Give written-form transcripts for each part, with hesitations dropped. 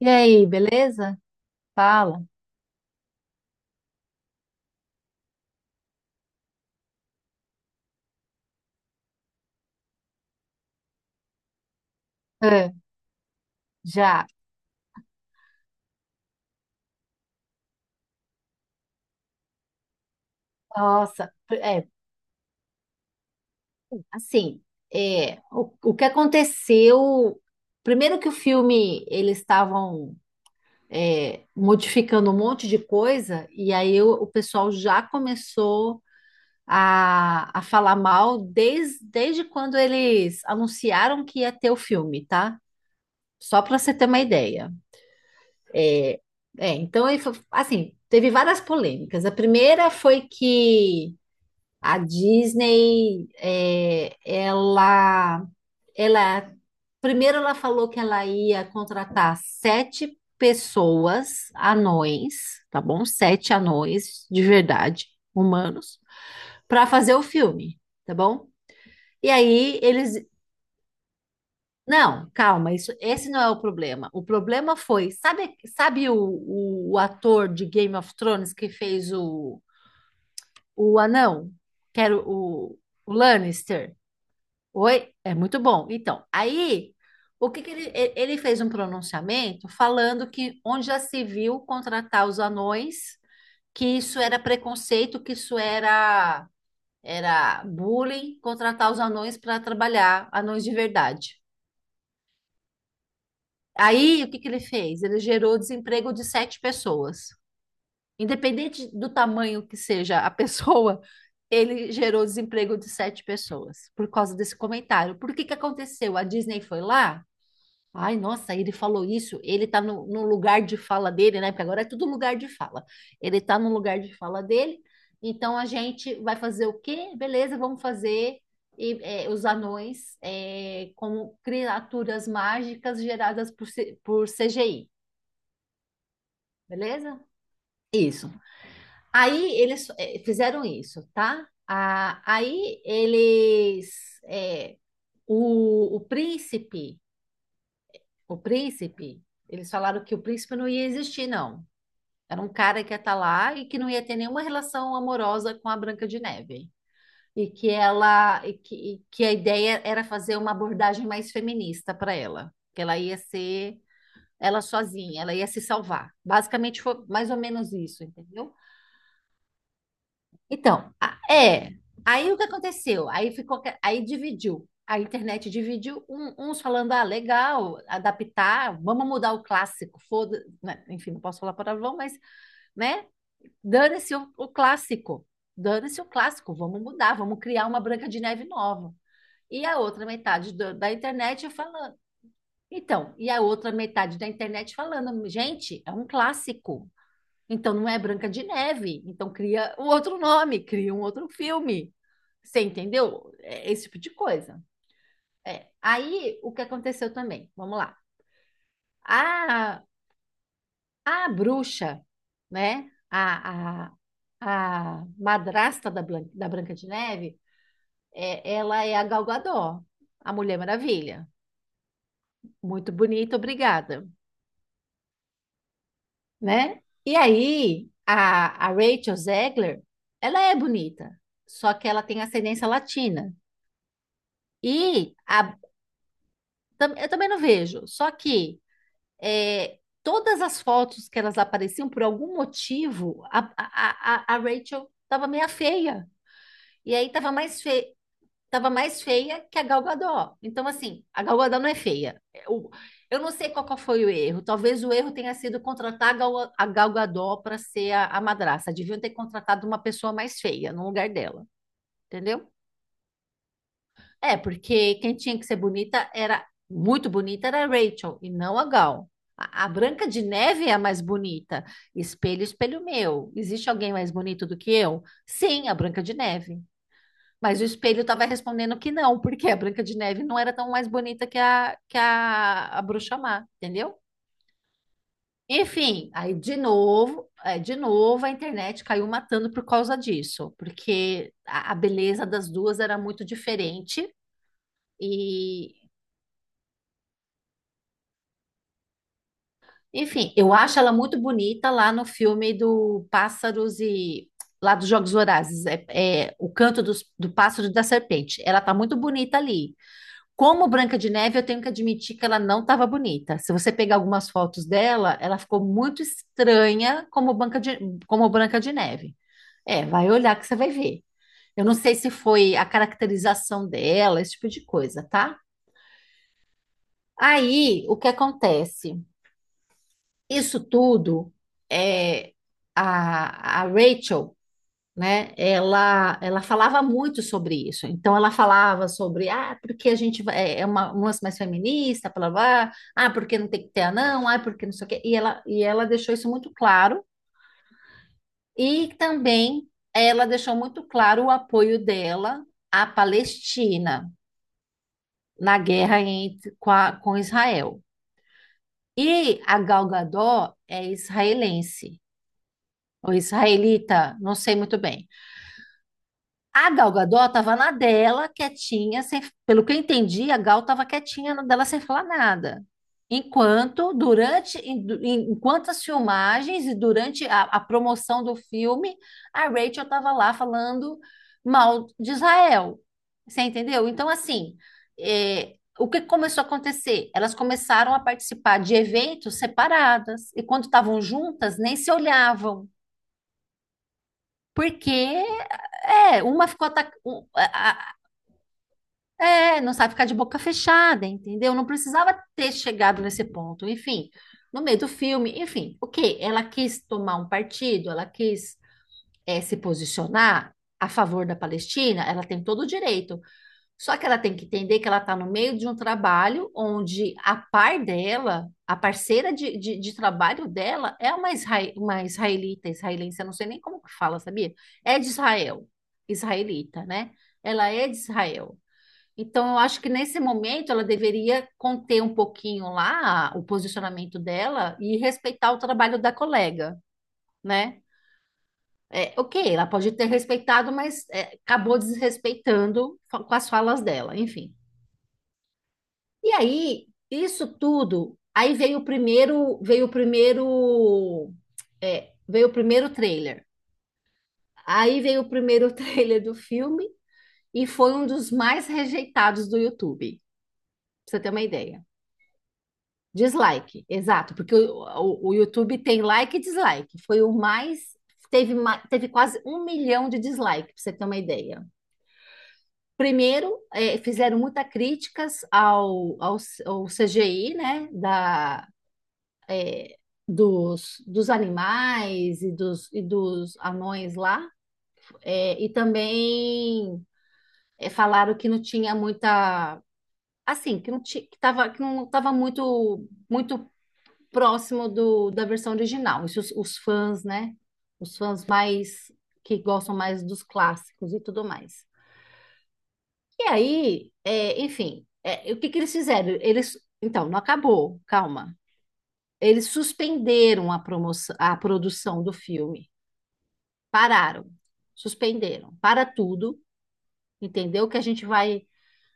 E aí, beleza? Fala. É, já. Nossa, é, assim, o que aconteceu? Primeiro que o filme, eles estavam modificando um monte de coisa, e aí o pessoal já começou a falar mal desde quando eles anunciaram que ia ter o filme, tá? Só para você ter uma ideia. É, então, assim, teve várias polêmicas. A primeira foi que a Disney, ela, primeiro ela falou que ela ia contratar sete pessoas, anões, tá bom? Sete anões de verdade, humanos, para fazer o filme, tá bom? E aí eles, não, calma, isso, esse não é o problema. O problema foi, sabe, sabe o ator de Game of Thrones que fez o anão, que era o Lannister? Oi, é muito bom. Então, aí, o que que ele, e- ele fez um pronunciamento falando que onde já se viu contratar os anões, que isso era preconceito, que isso era bullying, contratar os anões para trabalhar, anões de verdade. Aí, o que que ele fez? Ele gerou desemprego de sete pessoas. Independente do tamanho que seja a pessoa, ele gerou desemprego de sete pessoas por causa desse comentário. Por que que aconteceu? A Disney foi lá. Ai, nossa, ele falou isso. Ele tá no lugar de fala dele, né? Porque agora é tudo lugar de fala. Ele tá no lugar de fala dele. Então a gente vai fazer o quê? Beleza, vamos fazer os anões como criaturas mágicas geradas por CGI, beleza? Isso. Aí eles fizeram isso, tá? Ah, o, o príncipe, o príncipe, eles falaram que o príncipe não ia existir, não. Era um cara que ia estar lá e que não ia ter nenhuma relação amorosa com a Branca de Neve. E que ela, e que a ideia era fazer uma abordagem mais feminista para ela, que ela ia ser ela sozinha, ela ia se salvar. Basicamente foi mais ou menos isso, entendeu? Então, a- é. Aí o que aconteceu? Aí dividiu. A internet dividiu, uns falando, ah, legal, adaptar, vamos mudar o clássico, foda, né? Enfim, não posso falar palavrão, mas, né? Dane-se o clássico. Dane-se o clássico. Vamos mudar, vamos criar uma Branca de Neve nova. E a outra metade da internet falando. Então, e a outra metade da internet falando, gente, é um clássico. Então não é Branca de Neve. Então cria um outro nome, cria um outro filme. Você entendeu? É esse tipo de coisa. É. Aí o que aconteceu também? Vamos lá. Ah, a bruxa, né? A madrasta da Branca de Neve, ela é a Gal Gadot, a Mulher Maravilha. Muito bonita, obrigada, né? E aí, a Rachel Zegler, ela é bonita, só que ela tem ascendência latina. E a- eu também não vejo, só que todas as fotos que elas apareciam, por algum motivo, a Rachel estava meia feia. E aí tava mais feia que a Gal Gadot. Então, assim, a Gal Gadot não é feia. Eu não sei qual foi o erro. Talvez o erro tenha sido contratar a Gal Gadot para ser a madraça. Deviam ter contratado uma pessoa mais feia no lugar dela, entendeu? É, porque quem tinha que ser bonita, era muito bonita, era a Rachel e não a Gal. A Branca de Neve é a mais bonita. Espelho, espelho meu. Existe alguém mais bonito do que eu? Sim, a Branca de Neve. Mas o espelho estava respondendo que não, porque a Branca de Neve não era tão mais bonita que a Bruxa Má, entendeu? Enfim, aí de novo a internet caiu matando por causa disso, porque a beleza das duas era muito diferente e, enfim, eu acho ela muito bonita lá no filme do Pássaros e lá dos Jogos Vorazes, é o canto do pássaro e da serpente. Ela tá muito bonita ali. Como Branca de Neve, eu tenho que admitir que ela não estava bonita. Se você pegar algumas fotos dela, ela ficou muito estranha como Branca de Neve. É, vai olhar que você vai ver. Eu não sei se foi a caracterização dela, esse tipo de coisa, tá? Aí, o que acontece? Isso tudo, é, a Rachel, né? Ela falava muito sobre isso. Então, ela falava sobre, ah, porque é um lance mais feminista, blá, blá, blá. Ah, porque não tem que ter anão, ah, porque não sei o quê. E ela deixou isso muito claro. E também ela deixou muito claro o apoio dela à Palestina na guerra com Israel. E a Gal Gadot é israelense, ou israelita, não sei muito bem. A Gal Gadot estava na dela, quietinha, sem, pelo que eu entendi, a Gal estava quietinha na dela sem falar nada. Enquanto as filmagens e durante a promoção do filme, a Rachel estava lá falando mal de Israel. Você entendeu? Então, assim, o que começou a acontecer? Elas começaram a participar de eventos separadas, e quando estavam juntas, nem se olhavam. Porque uma ficou atacando, não sabe ficar de boca fechada, entendeu? Não precisava ter chegado nesse ponto. Enfim, no meio do filme, enfim, o quê? Ela quis tomar um partido, ela quis se posicionar a favor da Palestina, ela tem todo o direito. Só que ela tem que entender que ela está no meio de um trabalho onde a parceira de trabalho dela, é uma israelita, israelense, eu não sei nem como que fala, sabia? É de Israel, israelita, né? Ela é de Israel. Então, eu acho que nesse momento ela deveria conter um pouquinho lá o posicionamento dela e respeitar o trabalho da colega, né? É, ok, ela pode ter respeitado, mas acabou desrespeitando com as falas dela, enfim. E aí, isso tudo, aí veio o primeiro, é, veio o primeiro trailer. Aí veio o primeiro trailer do filme e foi um dos mais rejeitados do YouTube, pra você ter uma ideia. Dislike, exato, porque o YouTube tem like e dislike. Foi o mais. Teve quase 1 milhão de dislike, para você ter uma ideia. Primeiro, fizeram muitas críticas ao CGI, né? Eh, Dos animais e dos anões lá. E também falaram que não tinha muita. Assim, que não ti- que tava, que não estava muito próximo da versão original. Isso os fãs, né? Os fãs mais que gostam mais dos clássicos e tudo mais. E aí, enfim, o que que eles fizeram? Eles, então, não acabou, calma. Eles suspenderam a promoção, a produção do filme. Pararam, suspenderam, para tudo, entendeu? Que a gente vai,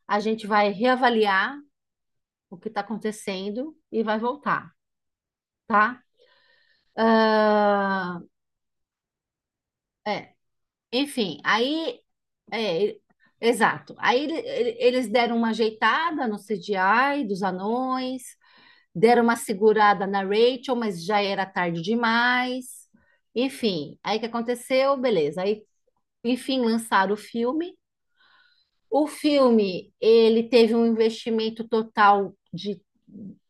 A gente vai reavaliar o que está acontecendo e vai voltar, tá? Ah, é, enfim, aí É, ele- exato. Aí eles deram uma ajeitada no CGI dos anões, deram uma segurada na Rachel, mas já era tarde demais. Enfim, aí o que aconteceu? Beleza. Aí, enfim, lançaram o filme. O filme, ele teve um investimento total de,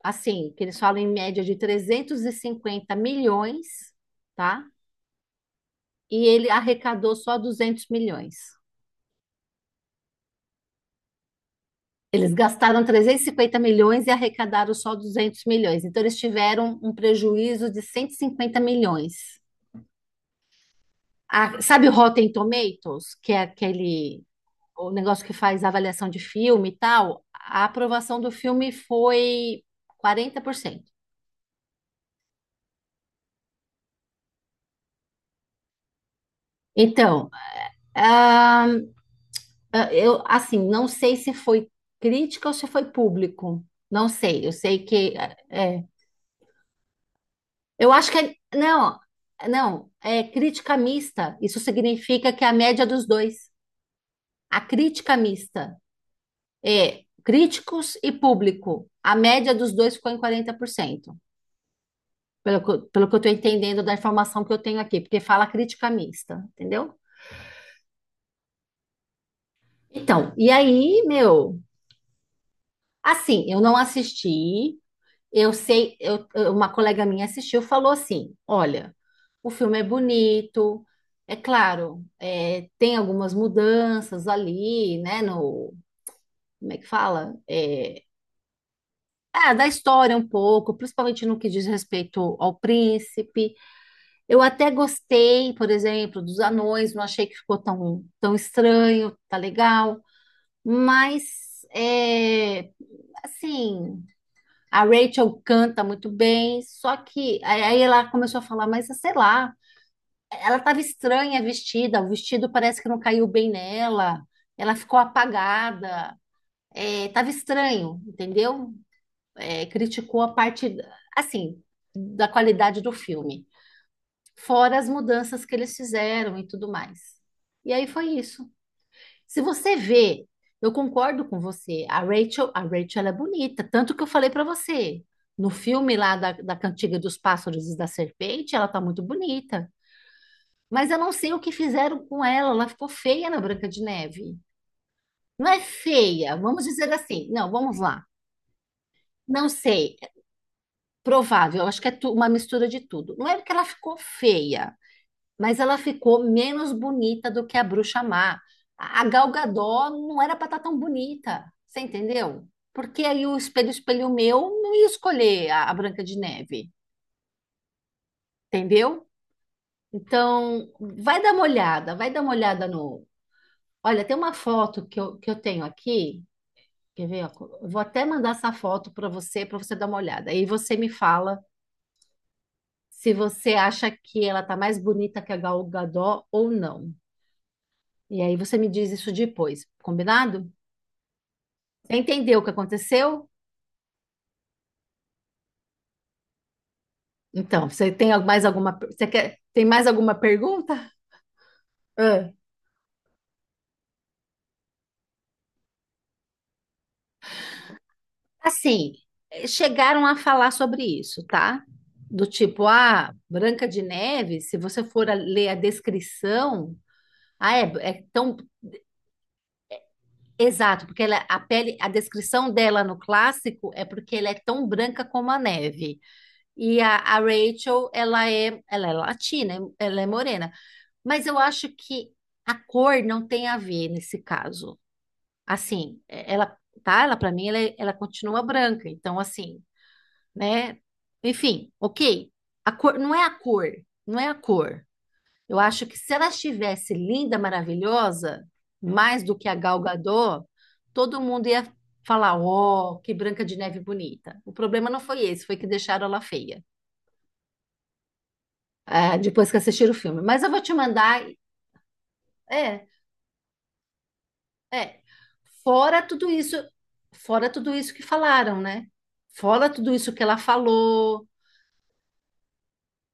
assim, que eles falam em média de 350 milhões, tá? E ele arrecadou só 200 milhões. Eles gastaram 350 milhões e arrecadaram só 200 milhões. Então, eles tiveram um prejuízo de 150 milhões. Sabe o Rotten Tomatoes, que é aquele o negócio que faz a avaliação de filme e tal? A aprovação do filme foi 40%. Então, ah, eu assim, não sei se foi crítica ou se foi público. Não sei. É, Eu acho que é, não, não, é crítica mista. Isso significa que é a média dos dois. A crítica mista é críticos e público. A média dos dois ficou em 40%, pelo que eu estou entendendo da informação que eu tenho aqui, porque fala crítica mista, entendeu? Então, e aí, meu, assim, eu não assisti. Eu sei, eu- Uma colega minha assistiu, falou assim: olha, o filme é bonito, é claro, tem algumas mudanças ali, né? No, Como é que fala? Ah, da história um pouco, principalmente no que diz respeito ao príncipe. Eu até gostei, por exemplo, dos anões, não achei que ficou tão estranho, tá legal, mas assim. A Rachel canta muito bem, só que aí ela começou a falar, mas sei lá, ela estava estranha vestida, o vestido parece que não caiu bem nela, ela ficou apagada, estava estranho, entendeu? É, criticou a parte, assim, da qualidade do filme, fora as mudanças que eles fizeram e tudo mais. E aí foi isso. Se você vê, eu concordo com você. A Rachel, ela é bonita, tanto que eu falei pra você. No filme lá da Cantiga dos Pássaros e da Serpente, ela tá muito bonita. Mas eu não sei o que fizeram com ela, ela ficou feia na Branca de Neve. Não é feia, vamos dizer assim. Não, vamos lá. Não sei, é provável, eu acho que é uma mistura de tudo. Não é porque ela ficou feia, mas ela ficou menos bonita do que a Bruxa Má. A Gal Gadot não era para estar tão bonita, você entendeu? Porque aí o espelho, espelho meu, não ia escolher a Branca de Neve, entendeu? Então, vai dar uma olhada, vai dar uma olhada no. Olha, tem uma foto que eu tenho aqui, quer ver? Ó? Eu vou até mandar essa foto para você dar uma olhada. Aí você me fala se você acha que ela tá mais bonita que a Gal Gadot ou não. E aí você me diz isso depois, combinado? Você entendeu o que aconteceu? Então, você tem mais alguma pergunta? Ah, assim, chegaram a falar sobre isso, tá? Do tipo, ah, Branca de Neve, se você for ler a descrição, é tão exato, porque ela, a pele, a descrição dela no clássico é porque ela é tão branca como a neve. E a Rachel, ela é latina, ela é morena. Mas eu acho que a cor não tem a ver nesse caso. Assim, tá? Ela para mim ela, é- Ela continua branca. Então assim, né? Enfim, OK. A cor não é a cor, não é a cor. Eu acho que se ela estivesse linda, maravilhosa, mais do que a Gal Gadot, todo mundo ia falar, ó, que Branca de Neve bonita. O problema não foi esse, foi que deixaram ela feia, ah, depois que assistiram o filme. Mas eu vou te mandar, é, É, fora tudo isso, fora tudo isso que falaram, né? Fora tudo isso que ela falou.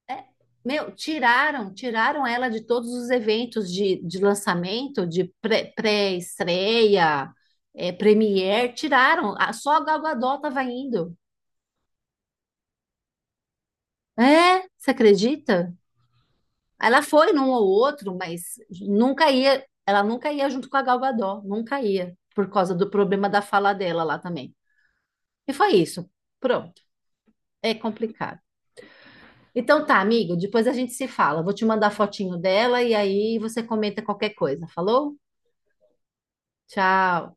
É, meu, tiraram ela de todos os eventos de lançamento, de pré-estreia, premiere, tiraram. Só a Gal Gadot tava indo. É, você acredita? Ela foi num ou outro, mas nunca ia, ela nunca ia junto com a Gal Gadot, nunca ia, por causa do problema da fala dela lá também. E foi isso. Pronto. É complicado. Então tá, amigo, depois a gente se fala. Vou te mandar a fotinho dela e aí você comenta qualquer coisa. Falou? Tchau.